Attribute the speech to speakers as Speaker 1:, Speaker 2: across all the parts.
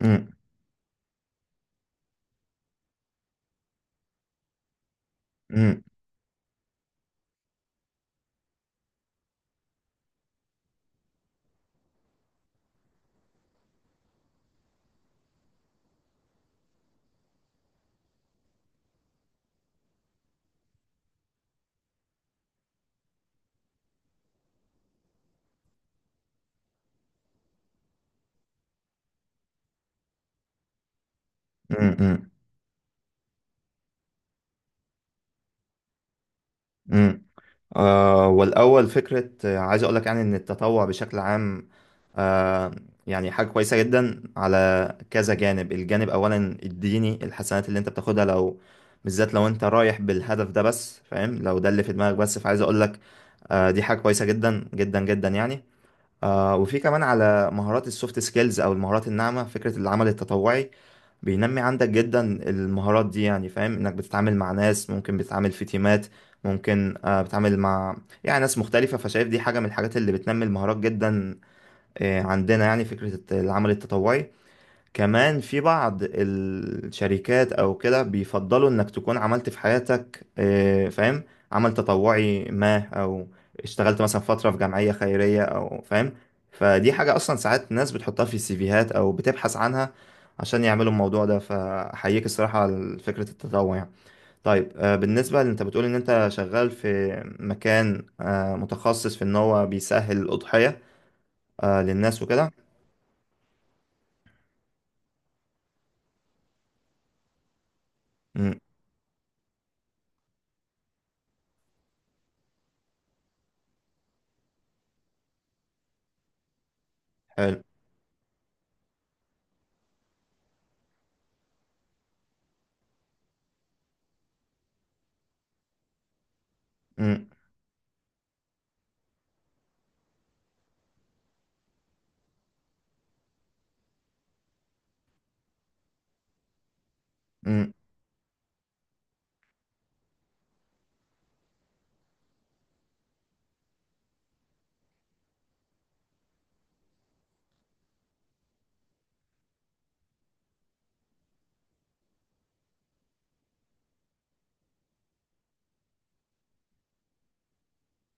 Speaker 1: مم. مم. مم. مم. مم. والأول فكرة عايز أقول لك يعني إن التطوع بشكل عام آه يعني حاجة كويسة جدا على كذا جانب، الجانب أولا الديني، الحسنات اللي أنت بتاخدها لو بالذات لو أنت رايح بالهدف ده بس، فاهم؟ لو ده اللي في دماغك بس، فعايز أقول لك دي حاجة كويسة جدا جدا جدا يعني. وفي كمان على مهارات السوفت سكيلز أو المهارات الناعمة، فكرة العمل التطوعي بينمي عندك جدا المهارات دي، يعني فاهم انك بتتعامل مع ناس، ممكن بتتعامل في تيمات، ممكن آه، بتتعامل مع يعني ناس مختلفة، فشايف دي حاجة من الحاجات اللي بتنمي المهارات جدا. عندنا يعني فكرة العمل التطوعي كمان في بعض الشركات او كده بيفضلوا انك تكون عملت في حياتك فاهم عمل تطوعي ما، او اشتغلت مثلا فترة في جمعية خيرية او فاهم، فدي حاجة اصلا ساعات ناس بتحطها في السيفيهات او بتبحث عنها عشان يعملوا الموضوع ده، فاحييك الصراحة على فكرة التطوع يعني. طيب بالنسبة اللي انت بتقول ان انت شغال في مكان متخصص في ان هو بيسهل الأضحية للناس وكده. مم. حلو. مم. مم.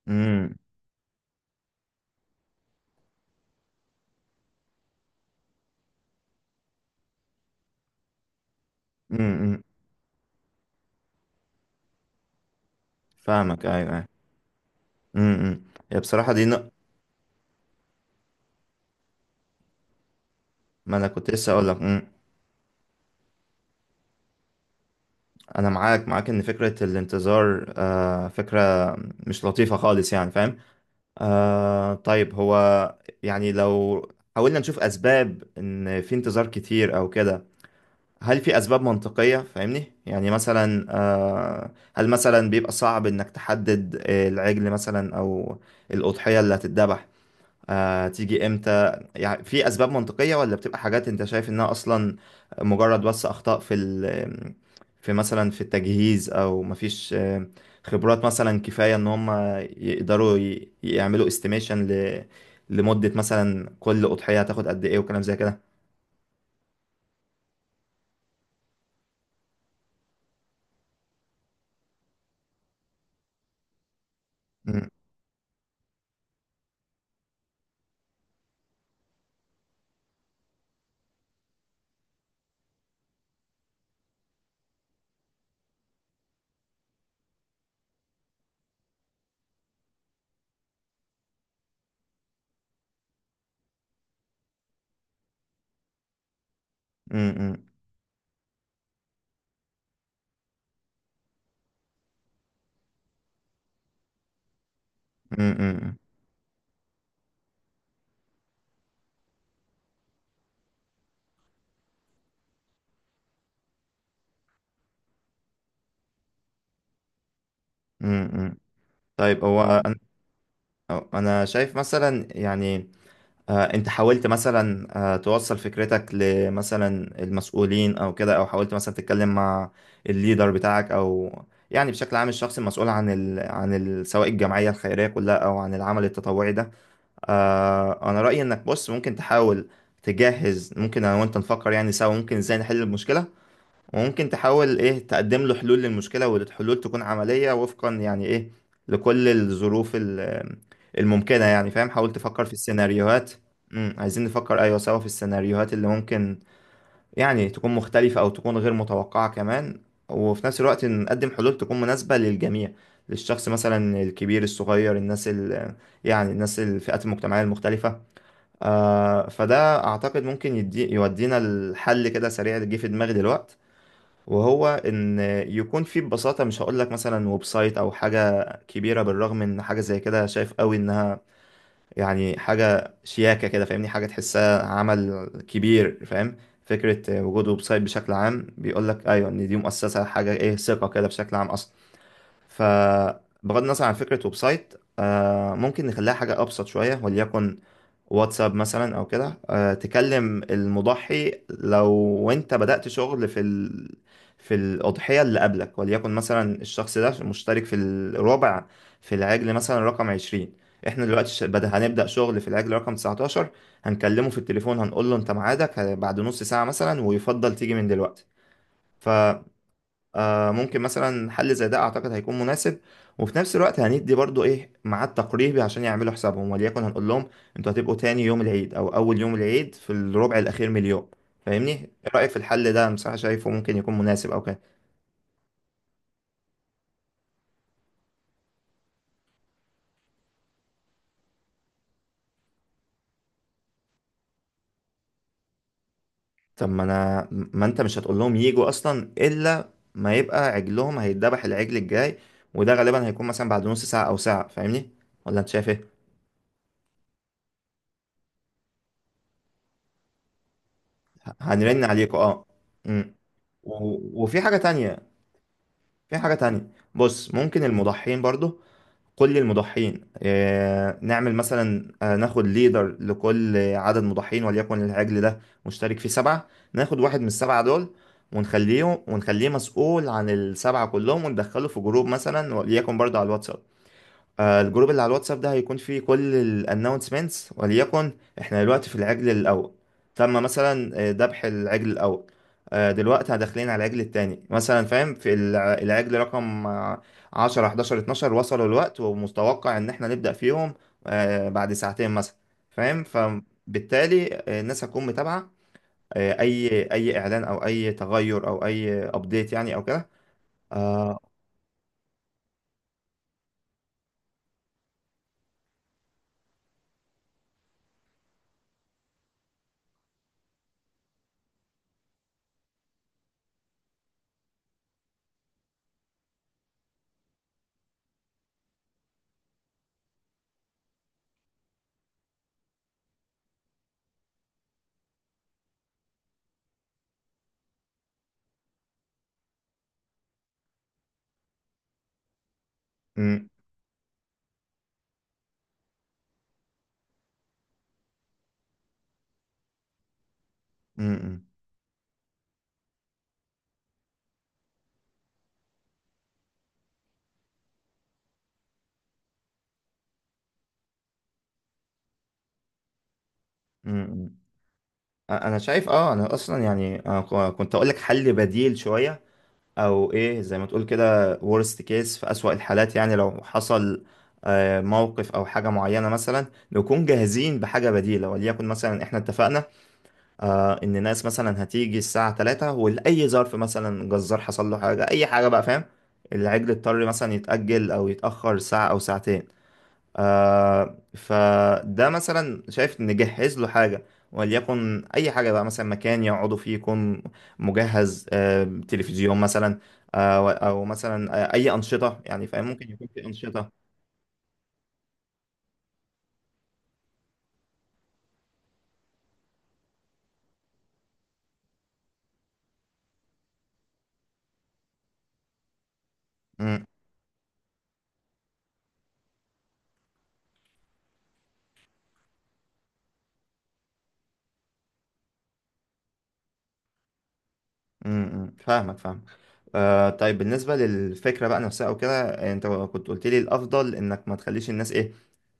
Speaker 1: مم. امم، فاهمك، ايوه ايوه، امم امم. هي بصراحه دي نق... ما انا كنت لسه اقول لك، انا معاك معاك ان فكره الانتظار فكره مش لطيفه خالص يعني فاهم. طيب هو يعني لو حاولنا نشوف اسباب ان في انتظار كتير او كده، هل في اسباب منطقيه؟ فاهمني يعني مثلا، هل مثلا بيبقى صعب انك تحدد العجل مثلا او الاضحيه اللي هتتذبح تيجي امتى؟ يعني في اسباب منطقية ولا بتبقى حاجات انت شايف انها اصلا مجرد بس اخطاء في مثلا في التجهيز، او مفيش خبرات مثلا كفاية ان هم يقدروا يعملوا استيميشن لمدة مثلا كل أضحية هتاخد قد ايه، وكلام زي كده. مم، مم، مم، مم، مم، مم، مم. طيب هو أنا شايف مثلا يعني، انت حاولت مثلا توصل فكرتك لمثلا المسؤولين او كده، او حاولت مثلا تتكلم مع الليدر بتاعك او يعني بشكل عام الشخص المسؤول عن ال... عن ال... سواء الجمعية الخيرية كلها او عن العمل التطوعي ده. انا رأيي انك بص ممكن تحاول تجهز، ممكن انا وانت نفكر يعني سوا ممكن ازاي نحل المشكلة، وممكن تحاول ايه تقدم له حلول للمشكلة، والحلول تكون عملية وفقا يعني ايه لكل الممكنة، يعني فاهم حاول تفكر في السيناريوهات. امم، عايزين نفكر ايوه سوا في السيناريوهات اللي ممكن يعني تكون مختلفة او تكون غير متوقعة كمان، وفي نفس الوقت نقدم حلول تكون مناسبة للجميع، للشخص مثلا الكبير، الصغير، الناس ال يعني الناس الفئات المجتمعية المختلفة. فده اعتقد ممكن يودينا الحل كده سريع، اللي جه في دماغي دلوقتي وهو ان يكون فيه ببساطه، مش هقول لك مثلا ويب سايت او حاجه كبيره، بالرغم ان حاجه زي كده شايف قوي انها يعني حاجه شياكه كده، فاهمني حاجه تحسها عمل كبير فاهم. فكره وجود ويب سايت بشكل عام بيقول لك ايوه ان دي مؤسسه حاجه ايه، ثقه كده بشكل عام اصلا. فبغض النظر عن فكره ويب سايت، ممكن نخليها حاجه ابسط شويه، وليكن واتساب مثلا او كده. تكلم المضحي لو انت بدأت شغل في ال... في الأضحية اللي قبلك، وليكن مثلا الشخص ده مشترك في الرابع في العجل مثلا رقم 20، احنا دلوقتي ش- بدأ هنبدأ شغل في العجل رقم 19، هنكلمه في التليفون هنقول له انت ميعادك بعد نص ساعة مثلا، ويفضل تيجي من دلوقتي. ف ممكن مثلا حل زي ده اعتقد هيكون مناسب. وفي نفس الوقت هندي برضو ايه ميعاد تقريبي عشان يعملوا حسابهم، وليكن هنقول لهم انتوا هتبقوا تاني يوم العيد او اول يوم العيد في الربع الاخير من اليوم، فاهمني؟ ايه رايك في الحل ده؟ انا بصراحه شايفه ممكن يكون مناسب او كده. طب ما انا، ما انت مش هتقول لهم يجوا اصلا الا ما يبقى عجلهم هيتذبح العجل الجاي، وده غالبا هيكون مثلا بعد نص ساعه او ساعه، فاهمني؟ ولا انت شايف ايه؟ هنرن عليكوا اه. امم. وفي حاجه تانية، في حاجة تانية بص، ممكن المضحين برضو كل المضحين نعمل مثلا ناخد ليدر لكل عدد مضحين، وليكن العجل ده مشترك فيه سبعة، ناخد واحد من السبعة دول ونخليه مسؤول عن السبعة كلهم وندخله في جروب مثلا وليكن برضو على الواتساب. الجروب اللي على الواتساب ده هيكون فيه كل الانونسمنتس، وليكن احنا دلوقتي في العجل الاول، تم مثلا ذبح العجل الاول، دلوقتي داخلين على العجل التاني مثلا فاهم، في العجل رقم 10 11 12 وصلوا الوقت ومتوقع ان احنا نبدأ فيهم بعد ساعتين مثلا فاهم، فبالتالي الناس هتكون متابعة اي اعلان او اي تغير او اي ابديت يعني او كده. آه، م- م- م- م- انا شايف اه، انا اصلا يعني أنا كنت اقول لك حل بديل شويه، او ايه زي ما تقول كده worst case في اسوأ الحالات، يعني لو حصل موقف او حاجه معينه مثلا، نكون جاهزين بحاجه بديله. وليكن مثلا احنا اتفقنا ان ناس مثلا هتيجي الساعه 3، ولاي ظرف مثلا جزار حصل له حاجه اي حاجه بقى فاهم، العجل اضطر مثلا يتاجل او يتاخر ساعه او ساعتين، فده مثلا شايف نجهز له حاجة، وليكن أي حاجة بقى مثلا مكان يقعدوا فيه يكون مجهز، تلفزيون مثلا، أو مثلا أي أنشطة يعني فاهم ممكن يكون في أنشطة. م- م- م. فاهمك فاهمك. طيب بالنسبة للفكرة بقى نفسها أو كده، أنت كنت قلت لي الأفضل إنك ما تخليش الناس إيه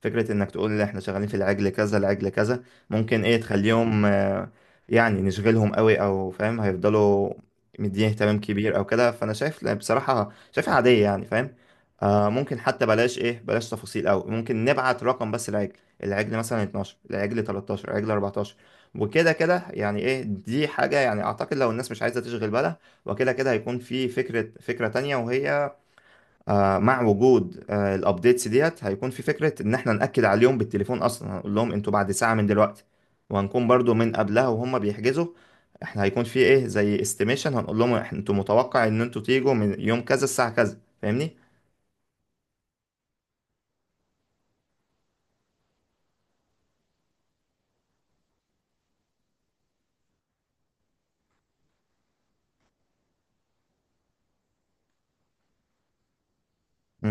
Speaker 1: فكرة إنك تقول إحنا شغالين في العجل كذا العجل كذا، ممكن إيه تخليهم يعني نشغلهم قوي، أو فاهم هيفضلوا مديه اهتمام كبير أو كده، فأنا شايف لا، بصراحة شايفها عادية يعني فاهم. ممكن حتى بلاش إيه بلاش تفاصيل أوي، ممكن نبعت رقم بس العجل، العجل مثلا 12 العجل 13 العجل 14، وكده كده يعني إيه، دي حاجة يعني أعتقد لو الناس مش عايزة تشغل بالها. وكده كده هيكون في فكرة، فكرة تانية وهي مع وجود الابديتس ديت، هيكون في فكرة ان احنا نأكد عليهم بالتليفون اصلا، هنقول لهم انتوا بعد ساعة من دلوقتي، وهنكون برضو من قبلها وهم بيحجزوا، احنا هيكون في ايه زي استيميشن، هنقول لهم انتوا متوقع ان انتوا تيجوا من يوم كذا الساعة كذا، فاهمني؟